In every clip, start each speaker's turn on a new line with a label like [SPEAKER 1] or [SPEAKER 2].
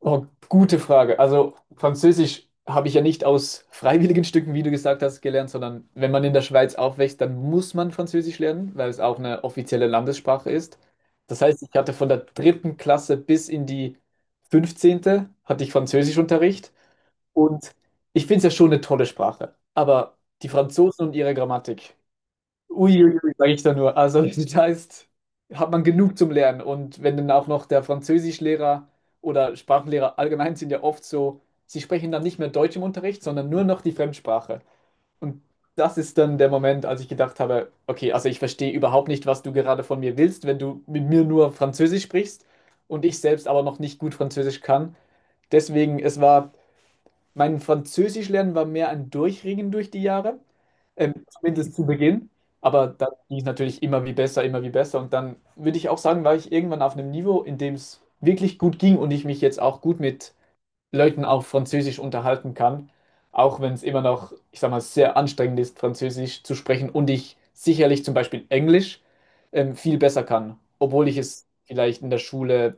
[SPEAKER 1] Oh, gute Frage. Also Französisch habe ich ja nicht aus freiwilligen Stücken, wie du gesagt hast, gelernt, sondern wenn man in der Schweiz aufwächst, dann muss man Französisch lernen, weil es auch eine offizielle Landessprache ist. Das heißt, ich hatte von der 3. Klasse bis in die 15. hatte ich Französischunterricht und ich finde es ja schon eine tolle Sprache. Aber die Franzosen und ihre Grammatik. Uiuiui, sage ich da nur. Also das heißt, hat man genug zum Lernen. Und wenn dann auch noch der Französischlehrer oder Sprachenlehrer allgemein sind ja oft so, sie sprechen dann nicht mehr Deutsch im Unterricht, sondern nur noch die Fremdsprache. Und das ist dann der Moment, als ich gedacht habe: okay, also ich verstehe überhaupt nicht, was du gerade von mir willst, wenn du mit mir nur Französisch sprichst und ich selbst aber noch nicht gut Französisch kann. Deswegen, es war mein Französischlernen war mehr ein Durchringen durch die Jahre, zumindest zu Beginn. Aber dann ging es natürlich immer wie besser, immer wie besser. Und dann würde ich auch sagen, war ich irgendwann auf einem Niveau, in dem es wirklich gut ging und ich mich jetzt auch gut mit Leuten auf Französisch unterhalten kann. Auch wenn es immer noch, ich sag mal, sehr anstrengend ist, Französisch zu sprechen und ich sicherlich zum Beispiel Englisch viel besser kann, obwohl ich es vielleicht in der Schule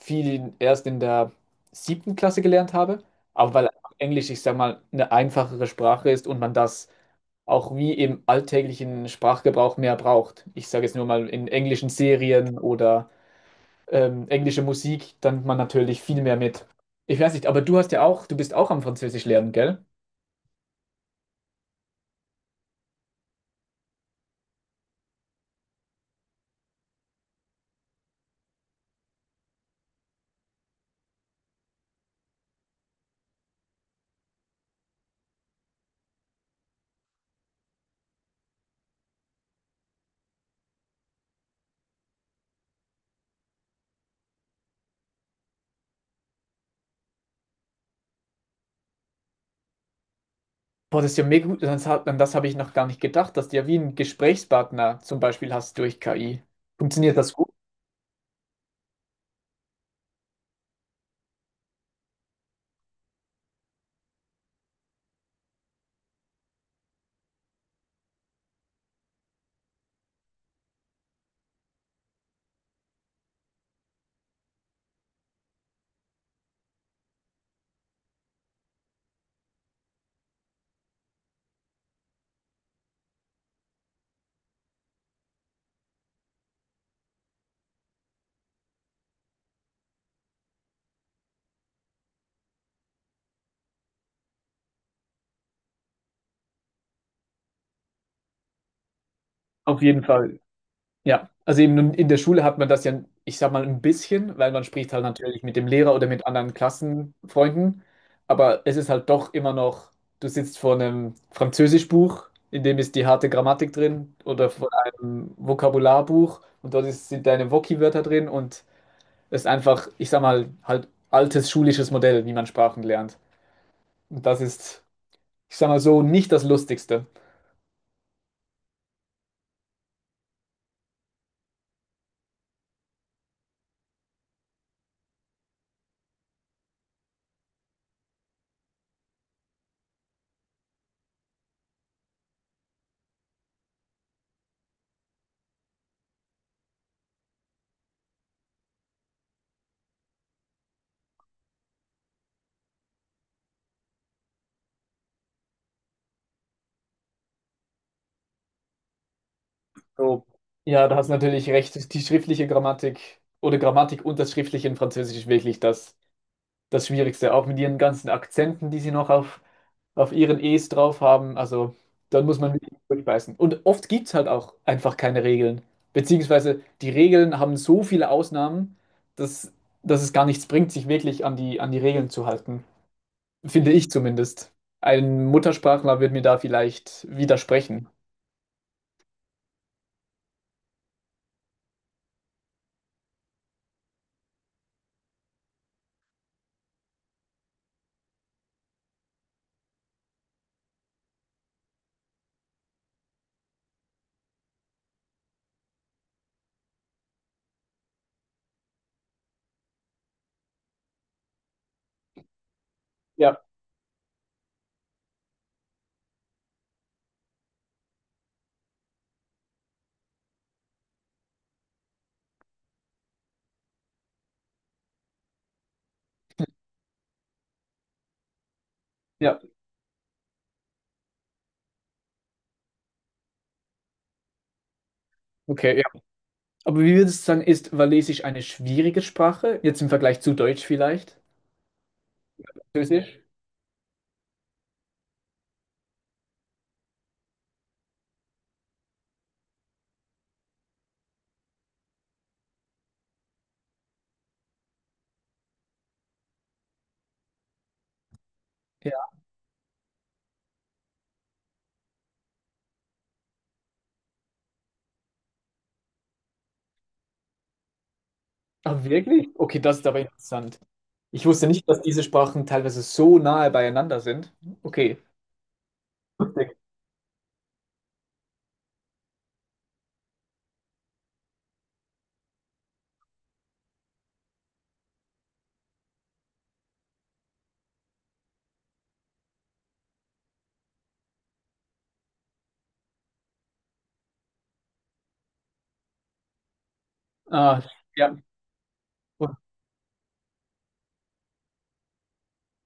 [SPEAKER 1] viel erst in der 7. Klasse gelernt habe, aber weil einfach Englisch, ich sag mal, eine einfachere Sprache ist und man das auch wie im alltäglichen Sprachgebrauch mehr braucht. Ich sage jetzt nur mal in englischen Serien oder englische Musik, dann man natürlich viel mehr mit. Ich weiß nicht, aber du hast ja auch, du bist auch am Französisch lernen, gell? Boah, das ist ja mega gut. Das hat, an das habe ich noch gar nicht gedacht, dass du ja wie einen Gesprächspartner zum Beispiel hast durch KI. Funktioniert das gut? Auf jeden Fall. Ja, also eben in der Schule hat man das ja, ich sag mal, ein bisschen, weil man spricht halt natürlich mit dem Lehrer oder mit anderen Klassenfreunden, aber es ist halt doch immer noch, du sitzt vor einem Französischbuch, in dem ist die harte Grammatik drin oder vor einem Vokabularbuch und dort ist, sind deine Woki-Wörter drin und es ist einfach, ich sag mal, halt altes schulisches Modell, wie man Sprachen lernt. Und das ist, ich sag mal so, nicht das Lustigste. So, ja, da hast du natürlich recht. Die schriftliche Grammatik oder Grammatik und das Schriftliche in Französisch ist wirklich das, das Schwierigste. Auch mit ihren ganzen Akzenten, die sie noch auf ihren E's drauf haben. Also, dann muss man wirklich durchbeißen. Und oft gibt es halt auch einfach keine Regeln. Beziehungsweise die Regeln haben so viele Ausnahmen, dass, dass es gar nichts bringt, sich wirklich an die Regeln zu halten. Finde ich zumindest. Ein Muttersprachler wird mir da vielleicht widersprechen. Ja, ja, okay. Aber wie würdest du sagen, ist Walisisch eine schwierige Sprache? Jetzt im Vergleich zu Deutsch vielleicht? Französisch? Ja. Ah, wirklich? Okay, das ist aber interessant. Ich wusste nicht, dass diese Sprachen teilweise so nahe beieinander sind. Okay. Lustig. Ah, ja.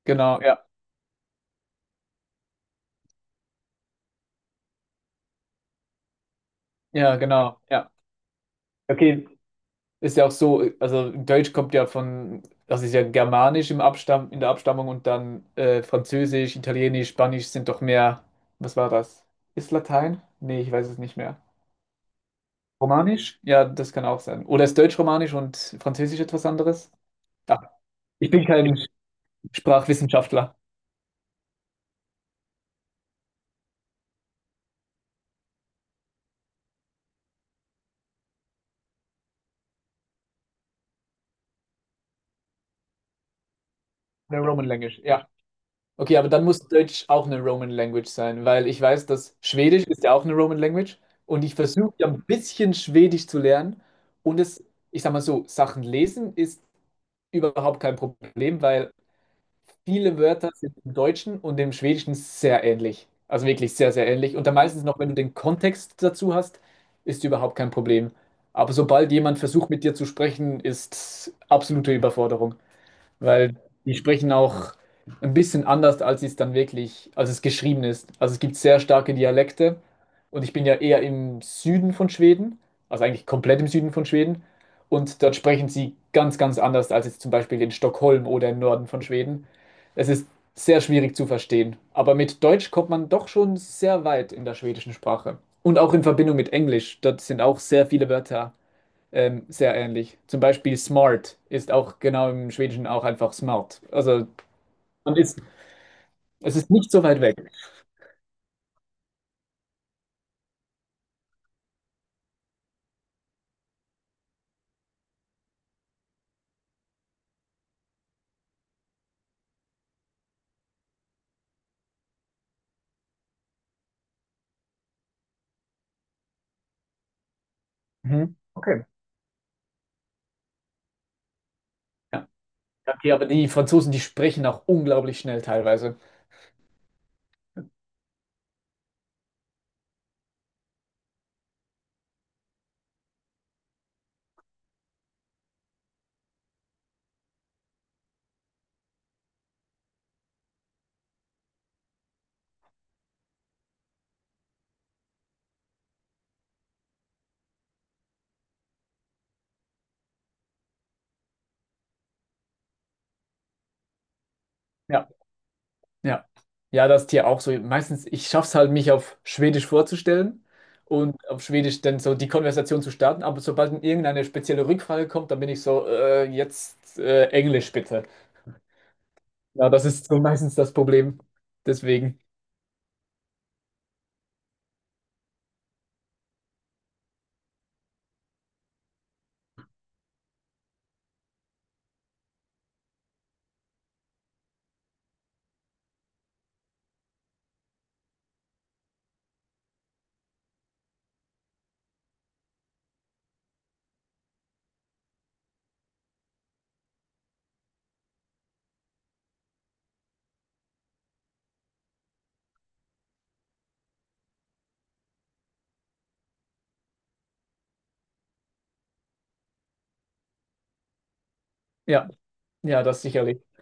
[SPEAKER 1] Genau, ja. Ja, genau, ja. Okay, ist ja auch so, also Deutsch kommt ja von, das ist ja Germanisch im Abstamm, in der Abstammung und dann Französisch, Italienisch, Spanisch sind doch mehr, was war das? Ist Latein? Nee, ich weiß es nicht mehr. Romanisch? Ja, das kann auch sein. Oder ist Deutsch-Romanisch und Französisch etwas anderes? Ja, ich bin kein Sprachwissenschaftler. Eine Roman Language, ja. Okay, aber dann muss Deutsch auch eine Roman Language sein, weil ich weiß, dass Schwedisch ist ja auch eine Roman Language und ich versuche ja ein bisschen Schwedisch zu lernen und es, ich sag mal so, Sachen lesen ist überhaupt kein Problem, weil viele Wörter sind im Deutschen und im Schwedischen sehr ähnlich. Also wirklich sehr, sehr ähnlich. Und dann meistens noch, wenn du den Kontext dazu hast, ist überhaupt kein Problem. Aber sobald jemand versucht, mit dir zu sprechen, ist absolute Überforderung, weil die sprechen auch ein bisschen anders, als es dann wirklich, als es geschrieben ist. Also es gibt sehr starke Dialekte und ich bin ja eher im Süden von Schweden, also eigentlich komplett im Süden von Schweden und dort sprechen sie ganz, ganz anders als jetzt zum Beispiel in Stockholm oder im Norden von Schweden. Es ist sehr schwierig zu verstehen, aber mit Deutsch kommt man doch schon sehr weit in der schwedischen Sprache und auch in Verbindung mit Englisch. Dort sind auch sehr viele Wörter sehr ähnlich. Zum Beispiel smart ist auch genau im Schwedischen auch einfach smart. Also man ist, es ist nicht so weit weg. Mhm. Okay. Ja. Okay, aber die Franzosen, die sprechen auch unglaublich schnell teilweise. Ja, ja. Ja, das ist hier auch so. Meistens, ich schaffe es halt, mich auf Schwedisch vorzustellen und auf Schwedisch dann so die Konversation zu starten. Aber sobald irgendeine spezielle Rückfrage kommt, dann bin ich so, jetzt Englisch bitte. Ja, das ist so meistens das Problem. Deswegen, ja, ja, das sicherlich.